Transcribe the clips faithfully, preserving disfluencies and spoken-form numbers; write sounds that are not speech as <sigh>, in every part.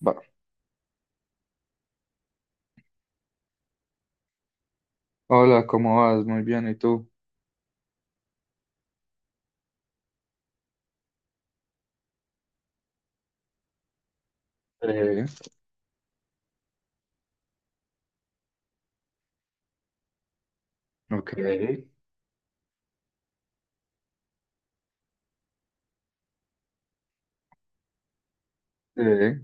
Va. Hola, ¿cómo vas? Muy bien, ¿y tú? Eh, ok. Ok. Eh,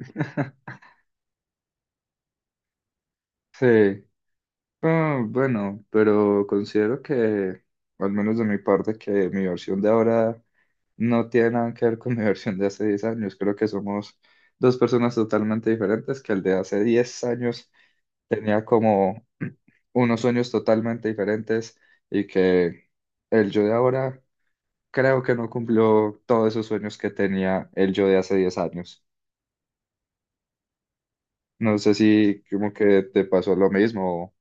<laughs> sí. Ah, bueno, pero considero que, al menos de mi parte, que mi versión de ahora no tiene nada que ver con mi <laughs> versión de hace diez años. Creo que somos dos personas totalmente diferentes, que el de hace diez años tenía como <clears throat> unos sueños totalmente diferentes y que el yo de ahora creo que no cumplió todos esos sueños que tenía el yo de hace diez años. No sé si como que te pasó lo mismo.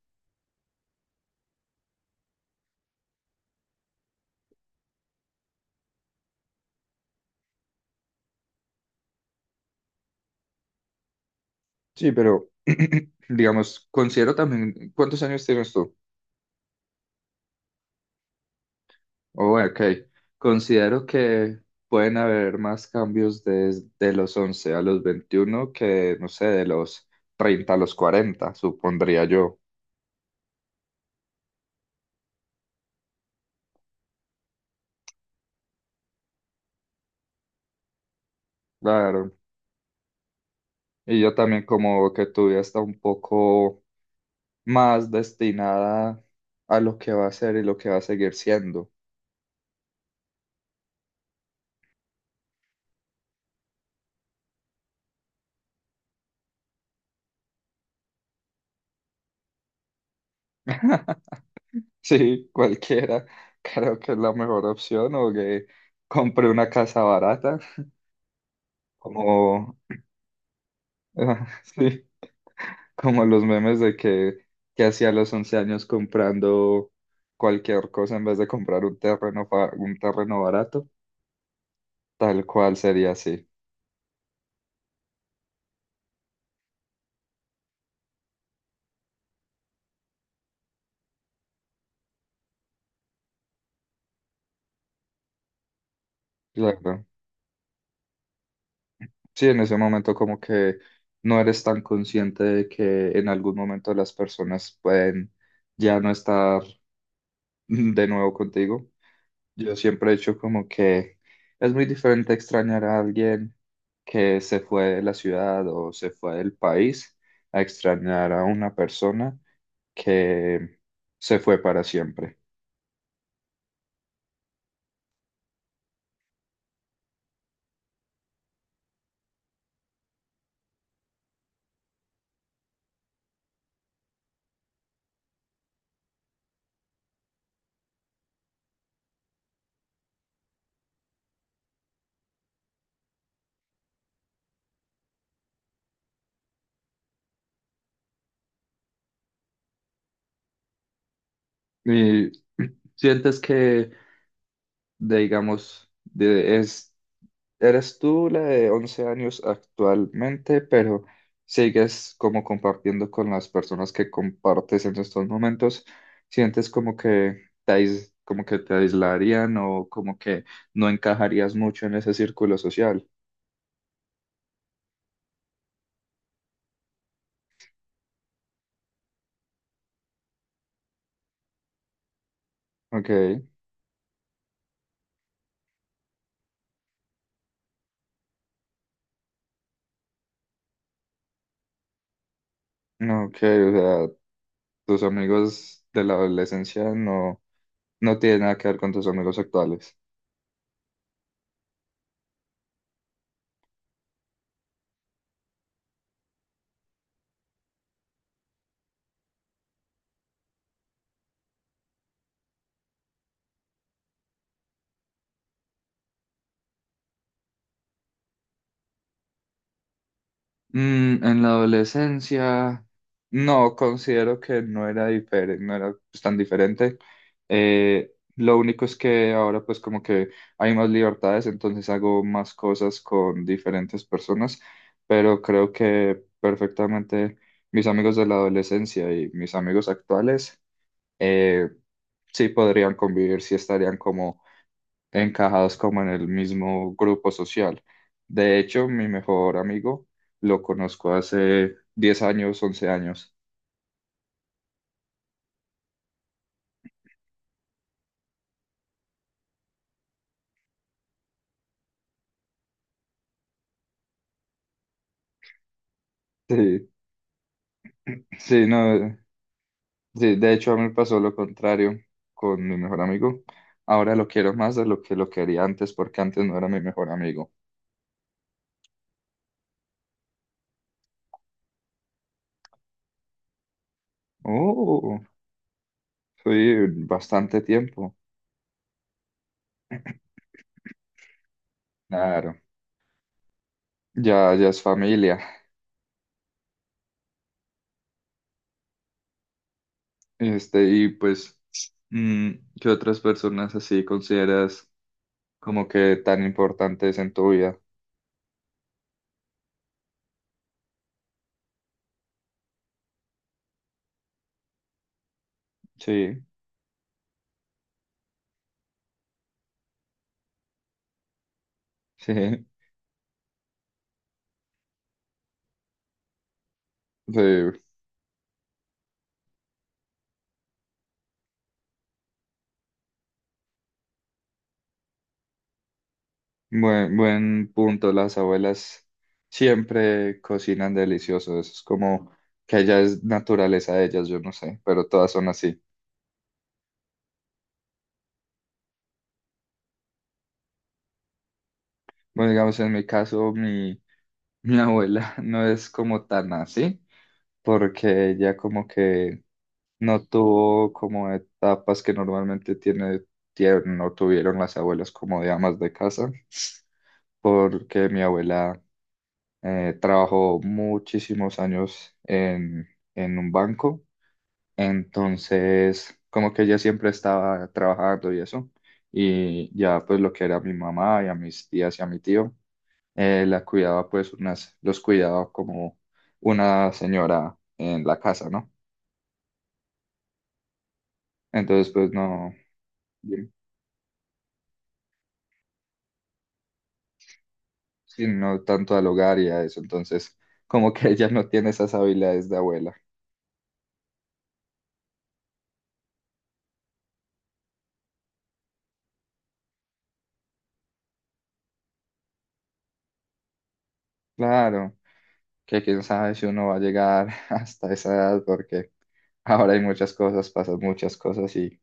Sí, pero <clears throat> digamos, considero también, ¿cuántos años tienes tú? Oh, ok, considero que pueden haber más cambios desde los once a los veintiuno que, no sé, de los treinta a los cuarenta supondría yo. Claro, y yo también como que tu vida está un poco más destinada a lo que va a ser y lo que va a seguir siendo. Sí, cualquiera. Creo que es la mejor opción o que compre una casa barata, como, <laughs> sí, como los memes de que, que hacía a los once años comprando cualquier cosa en vez de comprar un terreno, fa- un terreno barato, tal cual sería así. Claro. Sí, en ese momento como que no eres tan consciente de que en algún momento las personas pueden ya no estar de nuevo contigo. Yo siempre he hecho como que es muy diferente extrañar a alguien que se fue de la ciudad o se fue del país a extrañar a una persona que se fue para siempre. Y sientes que, de- digamos, de, es eres tú la de once años actualmente, pero sigues como compartiendo con las personas que compartes en estos momentos. ¿Sientes como que te, ais- como que te aislarían o como que no encajarías mucho en ese círculo social? Ok, ok, o sea, tus amigos de la adolescencia no, no tienen nada que ver con tus amigos actuales. Mm, en la adolescencia, no, considero que no era diferente, no era pues, tan diferente. Eh, lo único es que ahora pues como que hay más libertades, entonces hago más cosas con diferentes personas, pero creo que perfectamente mis amigos de la adolescencia y mis amigos actuales eh, sí podrían convivir, sí estarían encajados como en el mismo grupo social. De hecho, mi mejor amigo lo conozco hace diez años, once años. Sí, sí, no, sí, de hecho a mí me pasó lo contrario con mi mejor amigo. Ahora lo quiero más de lo que lo quería antes porque antes no era mi mejor amigo. Oh, sí, bastante tiempo. Claro, ya, ya es familia. Este, y pues, mm, ¿qué otras personas así consideras? Como que tan importantes en tu vida. Sí, <laughs> sí, sí. Buen, buen punto. Las abuelas siempre cocinan delicioso. Eso es como que ya es naturaleza de ellas, yo no sé, pero todas son así. Bueno, digamos, en mi caso, mi, mi abuela <laughs> no es como tan así, porque ella como que no tuvo como etapas que normalmente tiene, tie- no tuvieron las abuelas como de amas de casa, porque mi abuela Eh, trabajó muchísimos años en, en un banco, entonces como que ella siempre estaba trabajando y eso, y ya pues lo que era mi mamá y a mis tías y a mi tío, eh, la cuidaba pues unas, los cuidaba como una señora en la casa, ¿no? Entonces pues no, sí, no tanto al hogar y a eso, entonces como que <laughs> ella no tiene esas habilidades de abuela. Claro. Que quién sabe si uno va a llegar <laughs> hasta esa edad, porque ahora hay muchas cosas, pasan muchas cosas y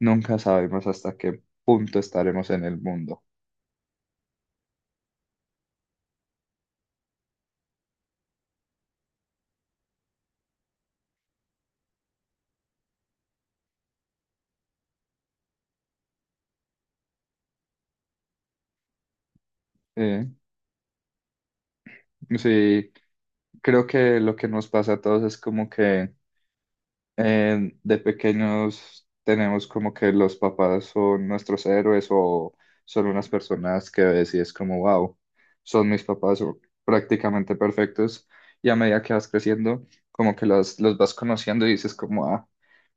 nunca sabemos hasta qué punto estaremos en el mundo. Eh, sí, creo que lo que nos pasa a todos es como que eh, de pequeños tenemos como que los papás son nuestros héroes o son unas personas que ves y es como, wow, son mis papás o prácticamente perfectos. Y a medida que vas creciendo, como que los, los vas conociendo y dices como, ah,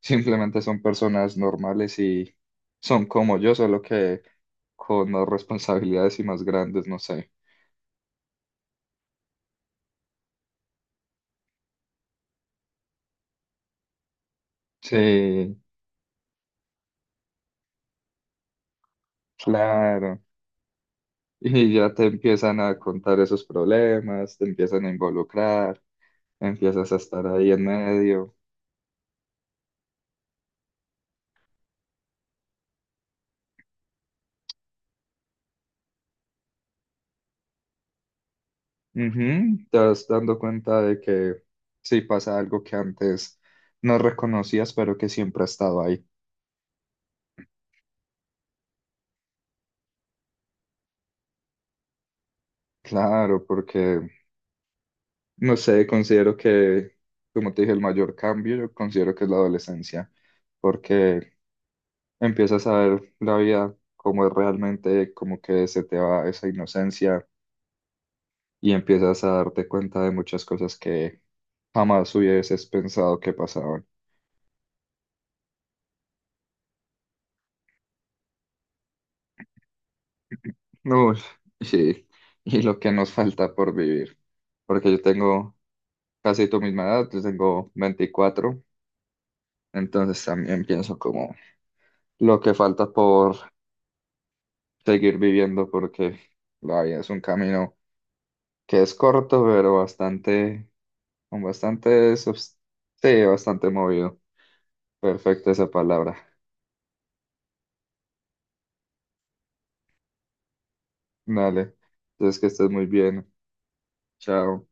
simplemente son personas normales y son como yo, solo que con más responsabilidades y más grandes, no sé. Sí, claro. Y ya te empiezan a contar esos problemas, te empiezan a involucrar empiezas a estar ahí en medio. Ujú. Te vas dando cuenta de que sí pasa algo que antes no reconocías, pero que siempre ha estado ahí. Claro, porque, no sé, considero que, como te dije, el mayor cambio, yo considero que es la adolescencia, porque empiezas a ver la vida como es realmente, como que se te va esa inocencia y empiezas a darte cuenta de muchas cosas que jamás hubieses pensado que pasaban. Uy, sí, y lo que nos falta por vivir, porque yo tengo casi tu misma edad, yo tengo veinticuatro, entonces también pienso como lo que falta por seguir viviendo, porque la vida es un camino que es corto, pero bastante, con bastante, subs- sí, bastante movido. Perfecta esa palabra. Dale, entonces que estés muy bien. Chao.